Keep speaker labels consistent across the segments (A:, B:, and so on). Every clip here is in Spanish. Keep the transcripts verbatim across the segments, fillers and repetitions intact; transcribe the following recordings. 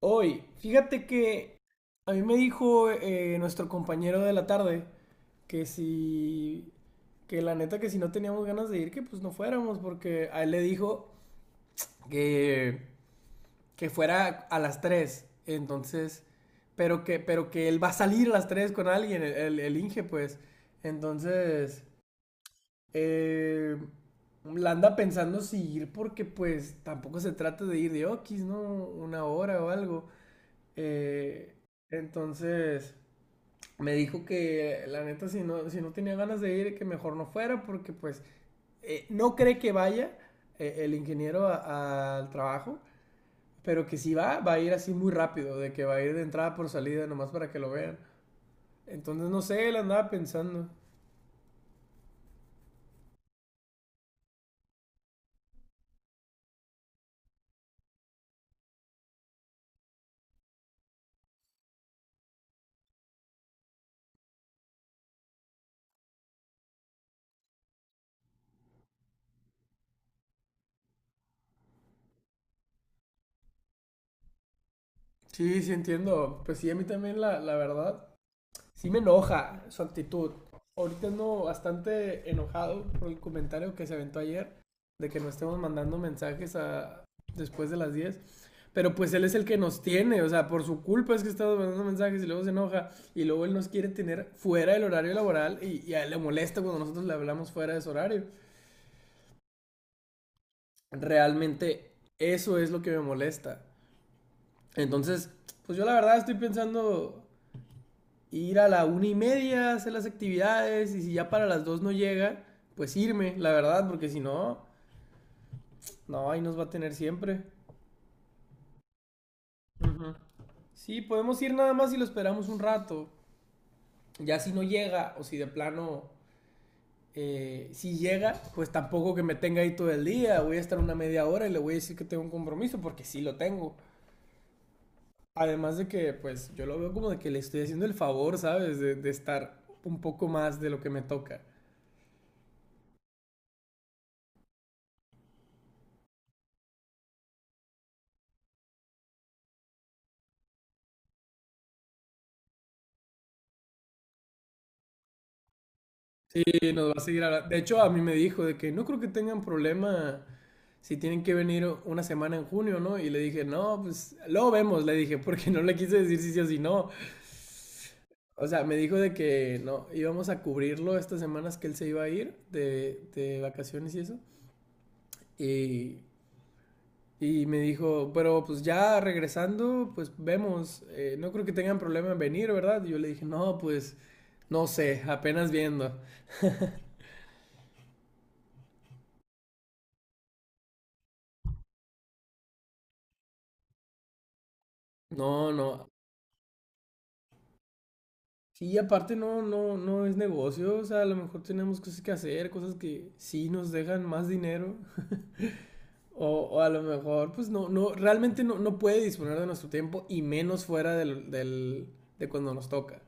A: Hoy, fíjate que a mí me dijo eh, nuestro compañero de la tarde que si, que la neta que si no teníamos ganas de ir, que pues no fuéramos, porque a él le dijo que, que fuera a las tres entonces, pero que, pero que él va a salir a las tres con alguien, el, el, el Inge, pues, entonces, eh, la anda pensando si ir porque pues tampoco se trata de ir de Oquis, ¿no? Una hora o algo. Eh, entonces me dijo que la neta si no, si no tenía ganas de ir, que mejor no fuera porque pues eh, no cree que vaya eh, el ingeniero a- al trabajo, pero que si va, va a ir así muy rápido, de que va a ir de entrada por salida nomás para que lo vean. Entonces no sé, él andaba pensando. Sí, sí entiendo. Pues sí, a mí también la, la verdad. Sí me enoja su actitud. Ahorita ando bastante enojado por el comentario que se aventó ayer de que no estemos mandando mensajes a después de las diez. Pero pues él es el que nos tiene, o sea, por su culpa es que estamos mandando mensajes y luego se enoja y luego él nos quiere tener fuera del horario laboral y, y a él le molesta cuando nosotros le hablamos fuera de ese horario. Realmente eso es lo que me molesta. Entonces, pues yo la verdad estoy pensando ir a la una y media a hacer las actividades y si ya para las dos no llega, pues irme, la verdad, porque si no, no, ahí nos va a tener siempre. Ujú. Sí, podemos ir nada más si lo esperamos un rato. Ya si no llega o si de plano, eh, si llega, pues tampoco que me tenga ahí todo el día. Voy a estar una media hora y le voy a decir que tengo un compromiso porque sí lo tengo. Además de que, pues yo lo veo como de que le estoy haciendo el favor, ¿sabes? De, de estar un poco más de lo que me toca. Sí, nos va a seguir hablando. De hecho, a mí me dijo de que no creo que tengan problema si tienen que venir una semana en junio, ¿no? Y le dije, no, pues luego vemos, le dije, porque no le quise decir si sí o si no. O sea, me dijo de que no, íbamos a cubrirlo estas semanas que él se iba a ir de, de vacaciones y eso. Y, y me dijo, pero pues ya regresando, pues vemos, eh, no creo que tengan problema en venir, ¿verdad? Y yo le dije, no, pues no sé, apenas viendo. No, no, sí, aparte no, no, no es negocio, o sea, a lo mejor tenemos cosas que hacer, cosas que sí nos dejan más dinero, o, o a lo mejor, pues no, no, realmente no, no puede disponer de nuestro tiempo y menos fuera del, del, de cuando nos toca.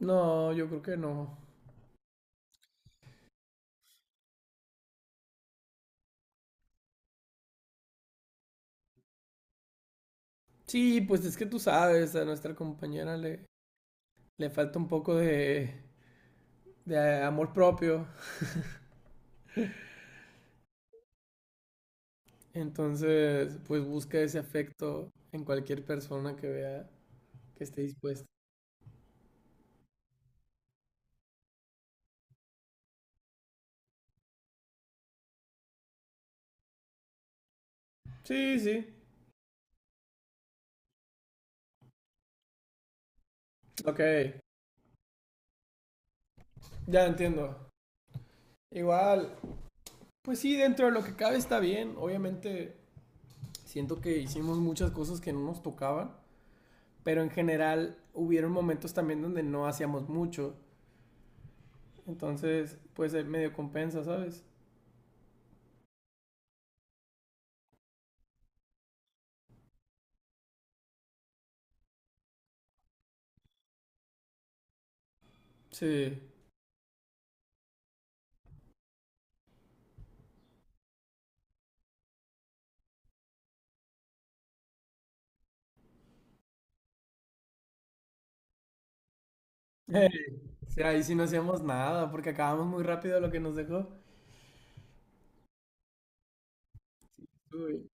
A: No, yo creo que no. Sí, pues es que tú sabes, a nuestra compañera le, le falta un poco de, de amor propio, entonces, pues busca ese afecto en cualquier persona que vea que esté dispuesta. Sí, sí, ok. Ya entiendo. Igual, pues sí, dentro de lo que cabe está bien. Obviamente, siento que hicimos muchas cosas que no nos tocaban, pero en general hubieron momentos también donde no hacíamos mucho. Entonces, pues eh, medio compensa, ¿sabes? Sí. Eh, sí, ahí sí no hacíamos nada, porque acabamos muy rápido lo que nos dejó. Uy.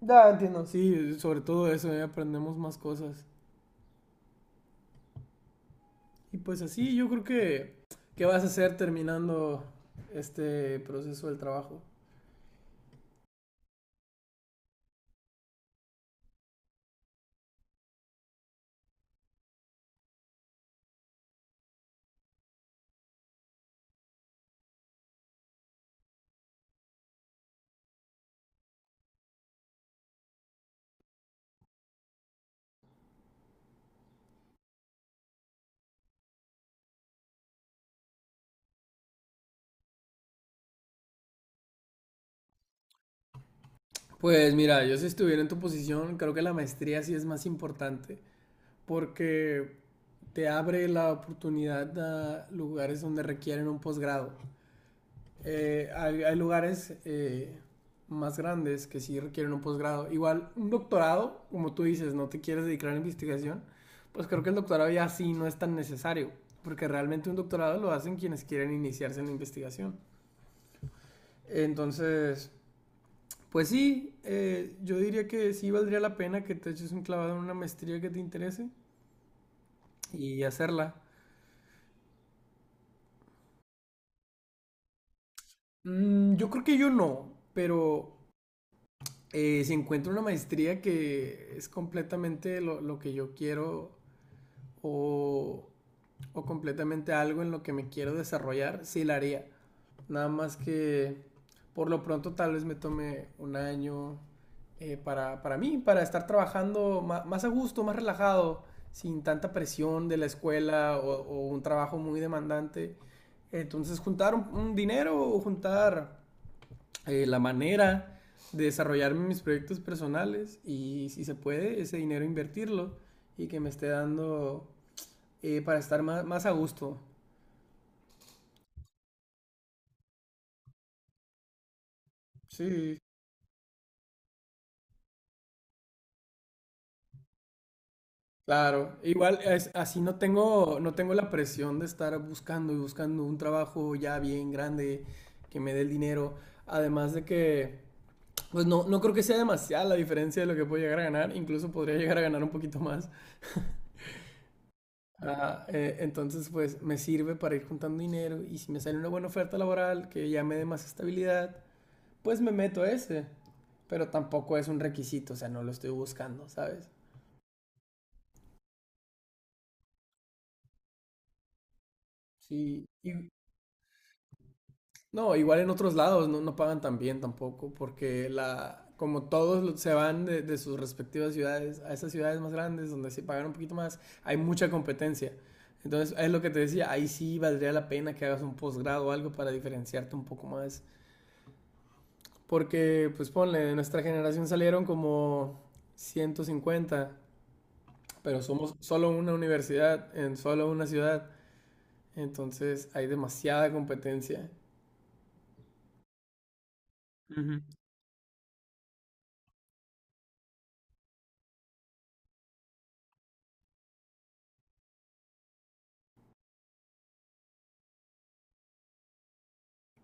A: Ya entiendo, sí, sobre todo eso, eh, aprendemos más cosas. Y pues así, yo creo que, ¿qué vas a hacer terminando este proceso del trabajo? Pues mira, yo si estuviera en tu posición, creo que la maestría sí es más importante porque te abre la oportunidad a lugares donde requieren un posgrado. Eh, hay, hay lugares eh, más grandes que sí requieren un posgrado. Igual, un doctorado, como tú dices, no te quieres dedicar a la investigación, pues creo que el doctorado ya sí no es tan necesario, porque realmente un doctorado lo hacen quienes quieren iniciarse en la investigación. Entonces, pues sí, eh, yo diría que sí valdría la pena que te eches un clavado en una maestría que te interese y hacerla. Mm, yo creo que yo no, pero eh, si encuentro una maestría que es completamente lo, lo que yo quiero o o completamente algo en lo que me quiero desarrollar, sí la haría. Nada más que por lo pronto tal vez me tome un año eh, para, para mí, para estar trabajando más, más, a gusto, más relajado, sin tanta presión de la escuela o, o un trabajo muy demandante. Entonces juntar un, un dinero o juntar eh, la manera de desarrollarme mis proyectos personales y si se puede ese dinero invertirlo y que me esté dando eh, para estar más, más, a gusto. Sí, claro. Igual es- así no tengo, no tengo la presión de estar buscando y buscando un trabajo ya bien grande que me dé el dinero. Además de que, pues no, no creo que sea demasiada la diferencia de lo que puedo llegar a ganar. Incluso podría llegar a ganar un poquito más. Ah, eh, entonces, pues me sirve para ir juntando dinero y si me sale una buena oferta laboral que ya me dé más estabilidad, pues me meto a ese. Pero tampoco es un requisito, o sea, no lo estoy buscando, ¿sabes? Sí, y, no, igual en otros lados no, no pagan tan bien tampoco, porque la, como todos lo- se van de, de sus respectivas ciudades a esas ciudades más grandes donde se pagan un poquito más, hay mucha competencia. Entonces, es lo que te decía, ahí sí valdría la pena que hagas un posgrado o algo para diferenciarte un poco más. Porque, pues ponle, de nuestra generación salieron como ciento cincuenta pero somos solo una universidad en solo una ciudad. Entonces, hay demasiada competencia. Ujú.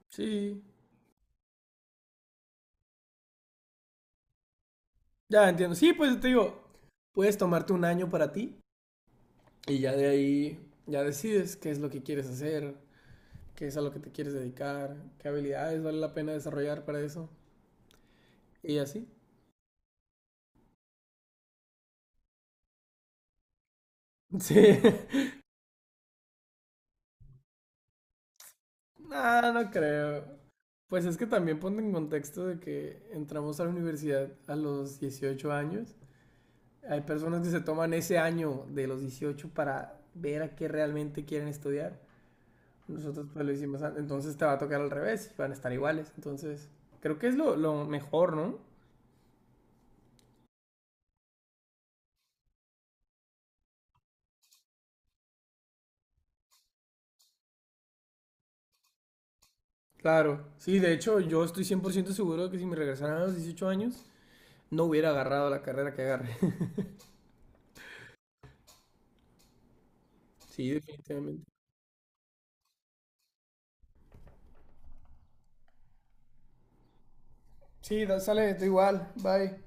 A: Sí, ya entiendo. Sí, pues te digo, puedes tomarte un año para ti y ya de ahí ya decides qué es lo que quieres hacer, qué es a lo que te quieres dedicar, qué habilidades vale la pena desarrollar para eso y así. Sí. No, no creo. Pues es que también ponte en contexto de que entramos a la universidad a los dieciocho años. Hay personas que se toman ese año de los dieciocho para ver a qué realmente quieren estudiar. Nosotros pues lo hicimos antes. Entonces te va a tocar al revés. Van a estar iguales. Entonces, creo que es lo, lo mejor, ¿no? Claro. Sí, de hecho, yo estoy cien por ciento seguro de que si me regresaran a los dieciocho años, no hubiera agarrado la carrera que agarré. Sí, definitivamente. Sí, da- sale, tú igual. Bye.